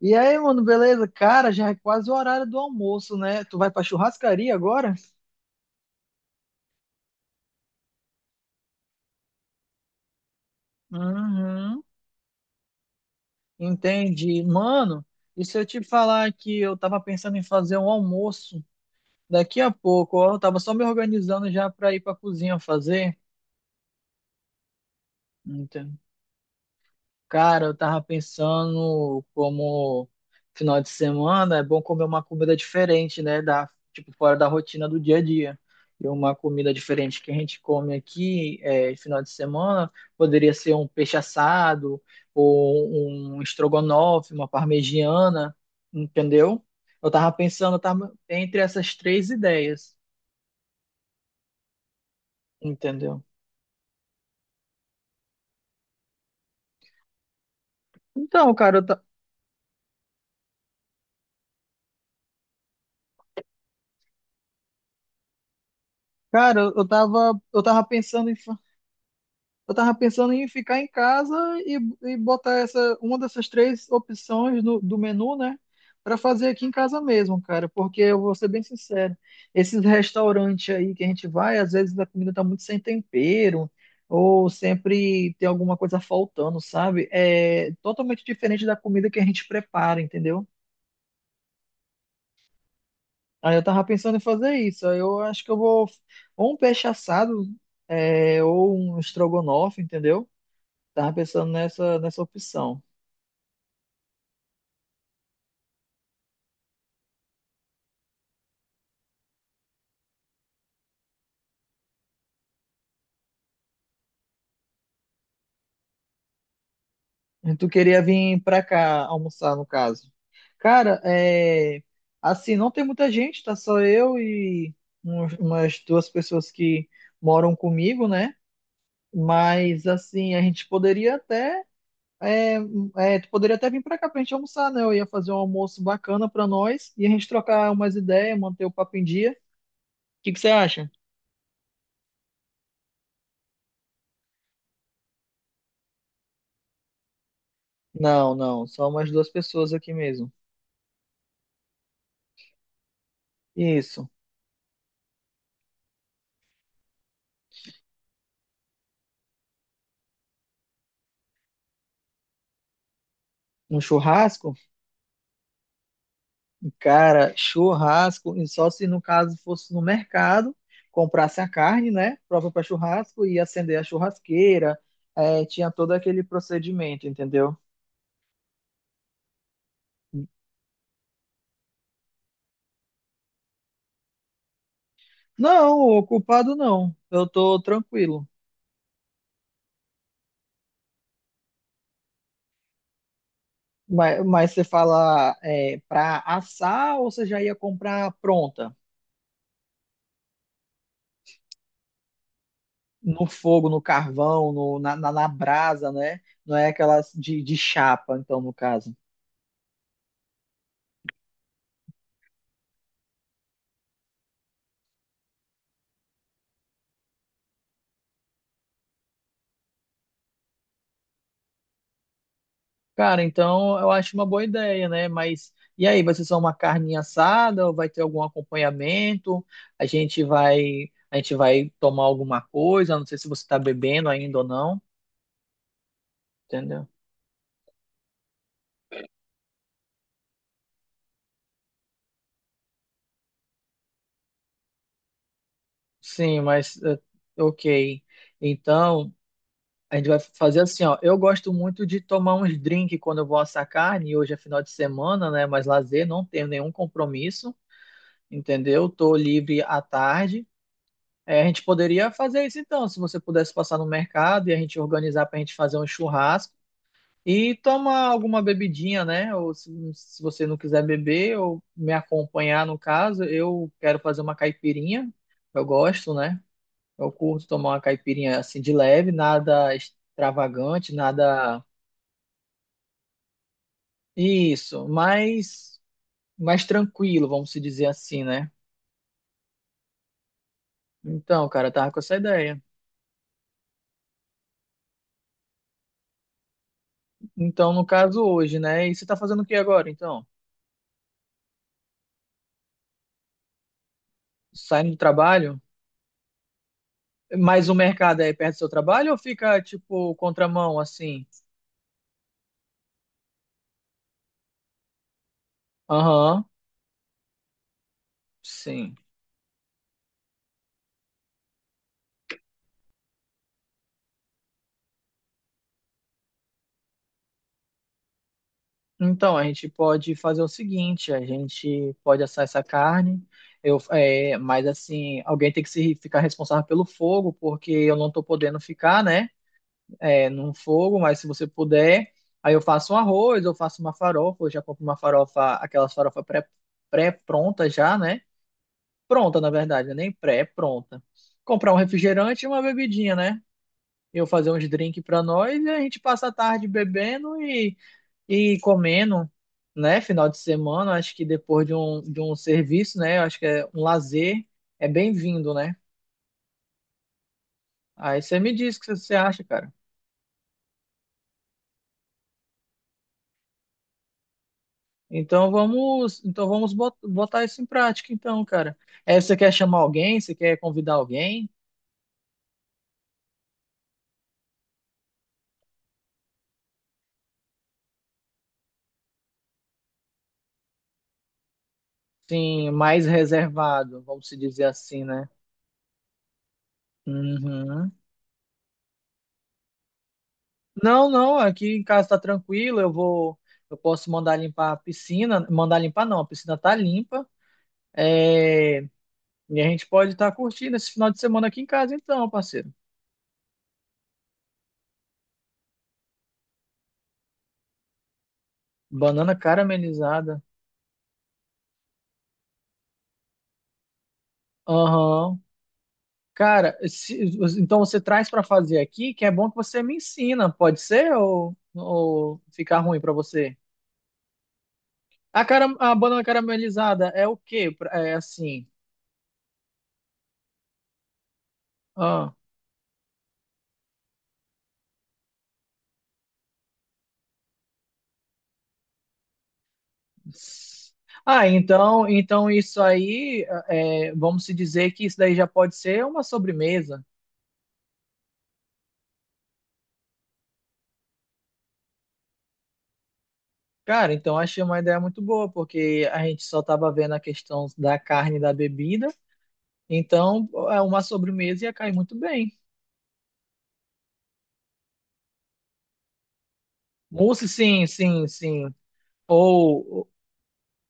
E aí, mano, beleza? Cara, já é quase o horário do almoço, né? Tu vai pra churrascaria agora? Uhum, entendi. Mano, e se eu te falar que eu tava pensando em fazer um almoço daqui a pouco, ó, eu tava só me organizando já pra ir pra cozinha fazer. Cara, eu tava pensando como final de semana é bom comer uma comida diferente, né? Da, tipo, fora da rotina do dia a dia. E uma comida diferente que a gente come aqui é, final de semana poderia ser um peixe assado ou um estrogonofe, uma parmegiana, entendeu? Eu tava pensando tava entre essas três ideias, entendeu? Então, cara, eu, ta- Cara, eu tava, eu tava pensando em eu tava pensando em ficar em casa e botar essa, uma dessas três opções do menu, né? Pra fazer aqui em casa mesmo, cara. Porque eu vou ser bem sincero, esses restaurantes aí que a gente vai, às vezes a comida tá muito sem tempero, ou sempre tem alguma coisa faltando, sabe? É totalmente diferente da comida que a gente prepara, entendeu? Aí eu tava pensando em fazer isso. Aí eu acho que eu vou ou um peixe assado, é, ou um estrogonofe, entendeu? Tava pensando nessa opção. E tu queria vir pra cá almoçar, no caso. Cara, é, assim, não tem muita gente, tá só eu e umas duas pessoas que moram comigo, né? Mas, assim, a gente poderia até. É, é, tu poderia até vir pra cá pra gente almoçar, né? Eu ia fazer um almoço bacana pra nós e a gente trocar umas ideias, manter o papo em dia. O que que você acha? Não, não, só umas duas pessoas aqui mesmo. Isso. Um churrasco? Cara, churrasco, e só se no caso fosse no mercado, comprasse a carne, né, própria para churrasco e acender a churrasqueira, é, tinha todo aquele procedimento, entendeu? Não, o culpado não, eu tô tranquilo. Mas você fala é, para assar ou você já ia comprar pronta? No fogo, no carvão, na, na brasa, né? Não é aquelas de chapa, então, no caso. Cara, então eu acho uma boa ideia, né? Mas e aí, vai ser só uma carninha assada ou vai ter algum acompanhamento? A gente vai tomar alguma coisa, não sei se você está bebendo ainda ou não, entendeu? Sim, mas ok. Então, a gente vai fazer assim, ó. Eu gosto muito de tomar uns drinks quando eu vou assar carne, e hoje é final de semana, né? Mas lazer, não tenho nenhum compromisso, entendeu? Tô livre à tarde. É, a gente poderia fazer isso então, se você pudesse passar no mercado e a gente organizar para a gente fazer um churrasco e tomar alguma bebidinha, né? Ou se você não quiser beber ou me acompanhar no caso, eu quero fazer uma caipirinha. Eu gosto, né? Eu curto tomar uma caipirinha assim de leve, nada extravagante, nada isso, mais mais tranquilo, vamos se dizer assim, né? Então, cara, eu tava com essa ideia. Então, no caso hoje, né? E você tá fazendo o que agora, então? Saindo do trabalho? Mas o mercado é perto do seu trabalho ou fica, tipo, contramão, assim? Aham, sim. Então, a gente pode fazer o seguinte, a gente pode assar essa carne, eu, é, mas, assim, alguém tem que se, ficar responsável pelo fogo, porque eu não tô podendo ficar, né, é, num fogo, mas se você puder, aí eu faço um arroz, eu faço uma farofa, eu já compro uma farofa, aquelas farofas pré, pré-prontas já, né? Pronta, na verdade, né? Nem pré, é pronta. Comprar um refrigerante e uma bebidinha, né? Eu fazer uns drinks pra nós e a gente passa a tarde bebendo e comendo, né? Final de semana, acho que depois de um serviço, né? Acho que é um lazer, é bem-vindo, né? Aí você me diz o que você acha, cara. Então vamos, botar isso em prática, então, cara. É, você quer chamar alguém? Você quer convidar alguém? Sim, mais reservado, vamos se dizer assim, né? Uhum. Não, não, aqui em casa tá tranquilo, eu vou, eu posso mandar limpar a piscina, mandar limpar não, a piscina tá limpa, é, e a gente pode estar curtindo esse final de semana aqui em casa então, parceiro. Banana caramelizada, aham. Cara, então você traz pra fazer aqui, que é bom que você me ensina, pode ser ou ficar ruim pra você? A, cara, a banana caramelizada é o quê? É assim, ah, então, então isso aí, é, vamos se dizer que isso daí já pode ser uma sobremesa. Cara, então achei uma ideia muito boa, porque a gente só estava vendo a questão da carne e da bebida, então é uma sobremesa ia cair muito bem. Mousse, sim, sim, sim. Ou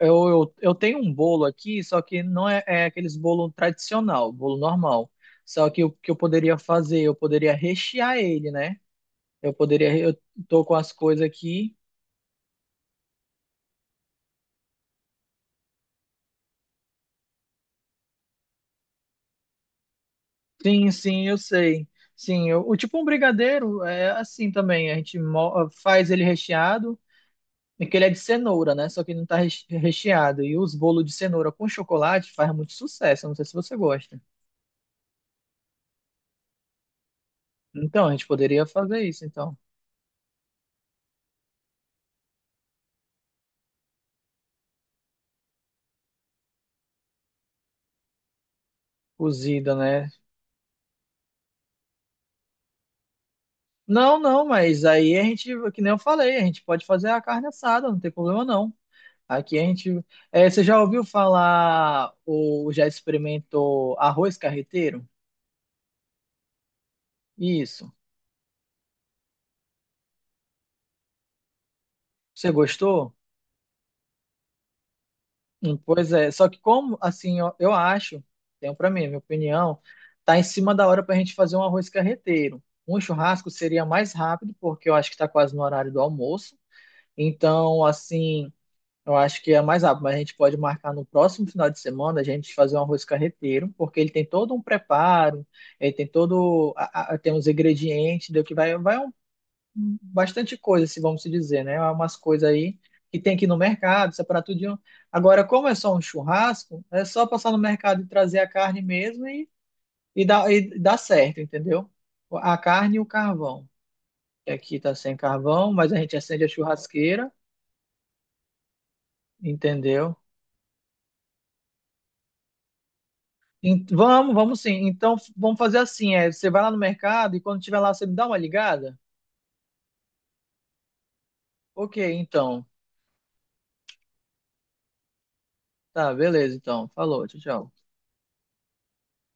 eu tenho um bolo aqui, só que não é, é aqueles bolo tradicional, bolo normal. Só que o que eu poderia fazer, eu poderia rechear ele, né? Eu poderia, eu tô com as coisas aqui. Sim, sim, eu sei. Sim, o tipo um brigadeiro é assim também. A gente faz ele recheado, é que ele é de cenoura, né? Só que não tá recheado. E os bolos de cenoura com chocolate faz muito sucesso. Eu não sei se você gosta. Então, a gente poderia fazer isso, então. Cozida, né? Não, não, mas aí a gente, que nem eu falei, a gente pode fazer a carne assada, não tem problema não. Aqui a gente. É, você já ouviu falar ou já experimentou arroz carreteiro? Isso. Você gostou? Pois é, só que como, assim, eu acho, tenho para mim, minha opinião, tá em cima da hora para a gente fazer um arroz carreteiro. Um churrasco seria mais rápido, porque eu acho que está quase no horário do almoço. Então, assim, eu acho que é mais rápido, mas a gente pode marcar no próximo final de semana a gente fazer um arroz carreteiro, porque ele tem todo um preparo, ele tem todo, tem os ingredientes, do que vai, vai bastante coisa, se vamos se dizer, né? Há umas coisas aí que tem aqui no mercado, separar tudinho. Agora, como é só um churrasco, é só passar no mercado e trazer a carne mesmo e, e dá certo, entendeu? A carne e o carvão. Que aqui tá sem carvão, mas a gente acende a churrasqueira, entendeu? Vamos, vamos sim. Então, vamos fazer assim, é, você vai lá no mercado e quando tiver lá, você me dá uma ligada? Ok, então. Tá, beleza, então. Falou, tchau, tchau.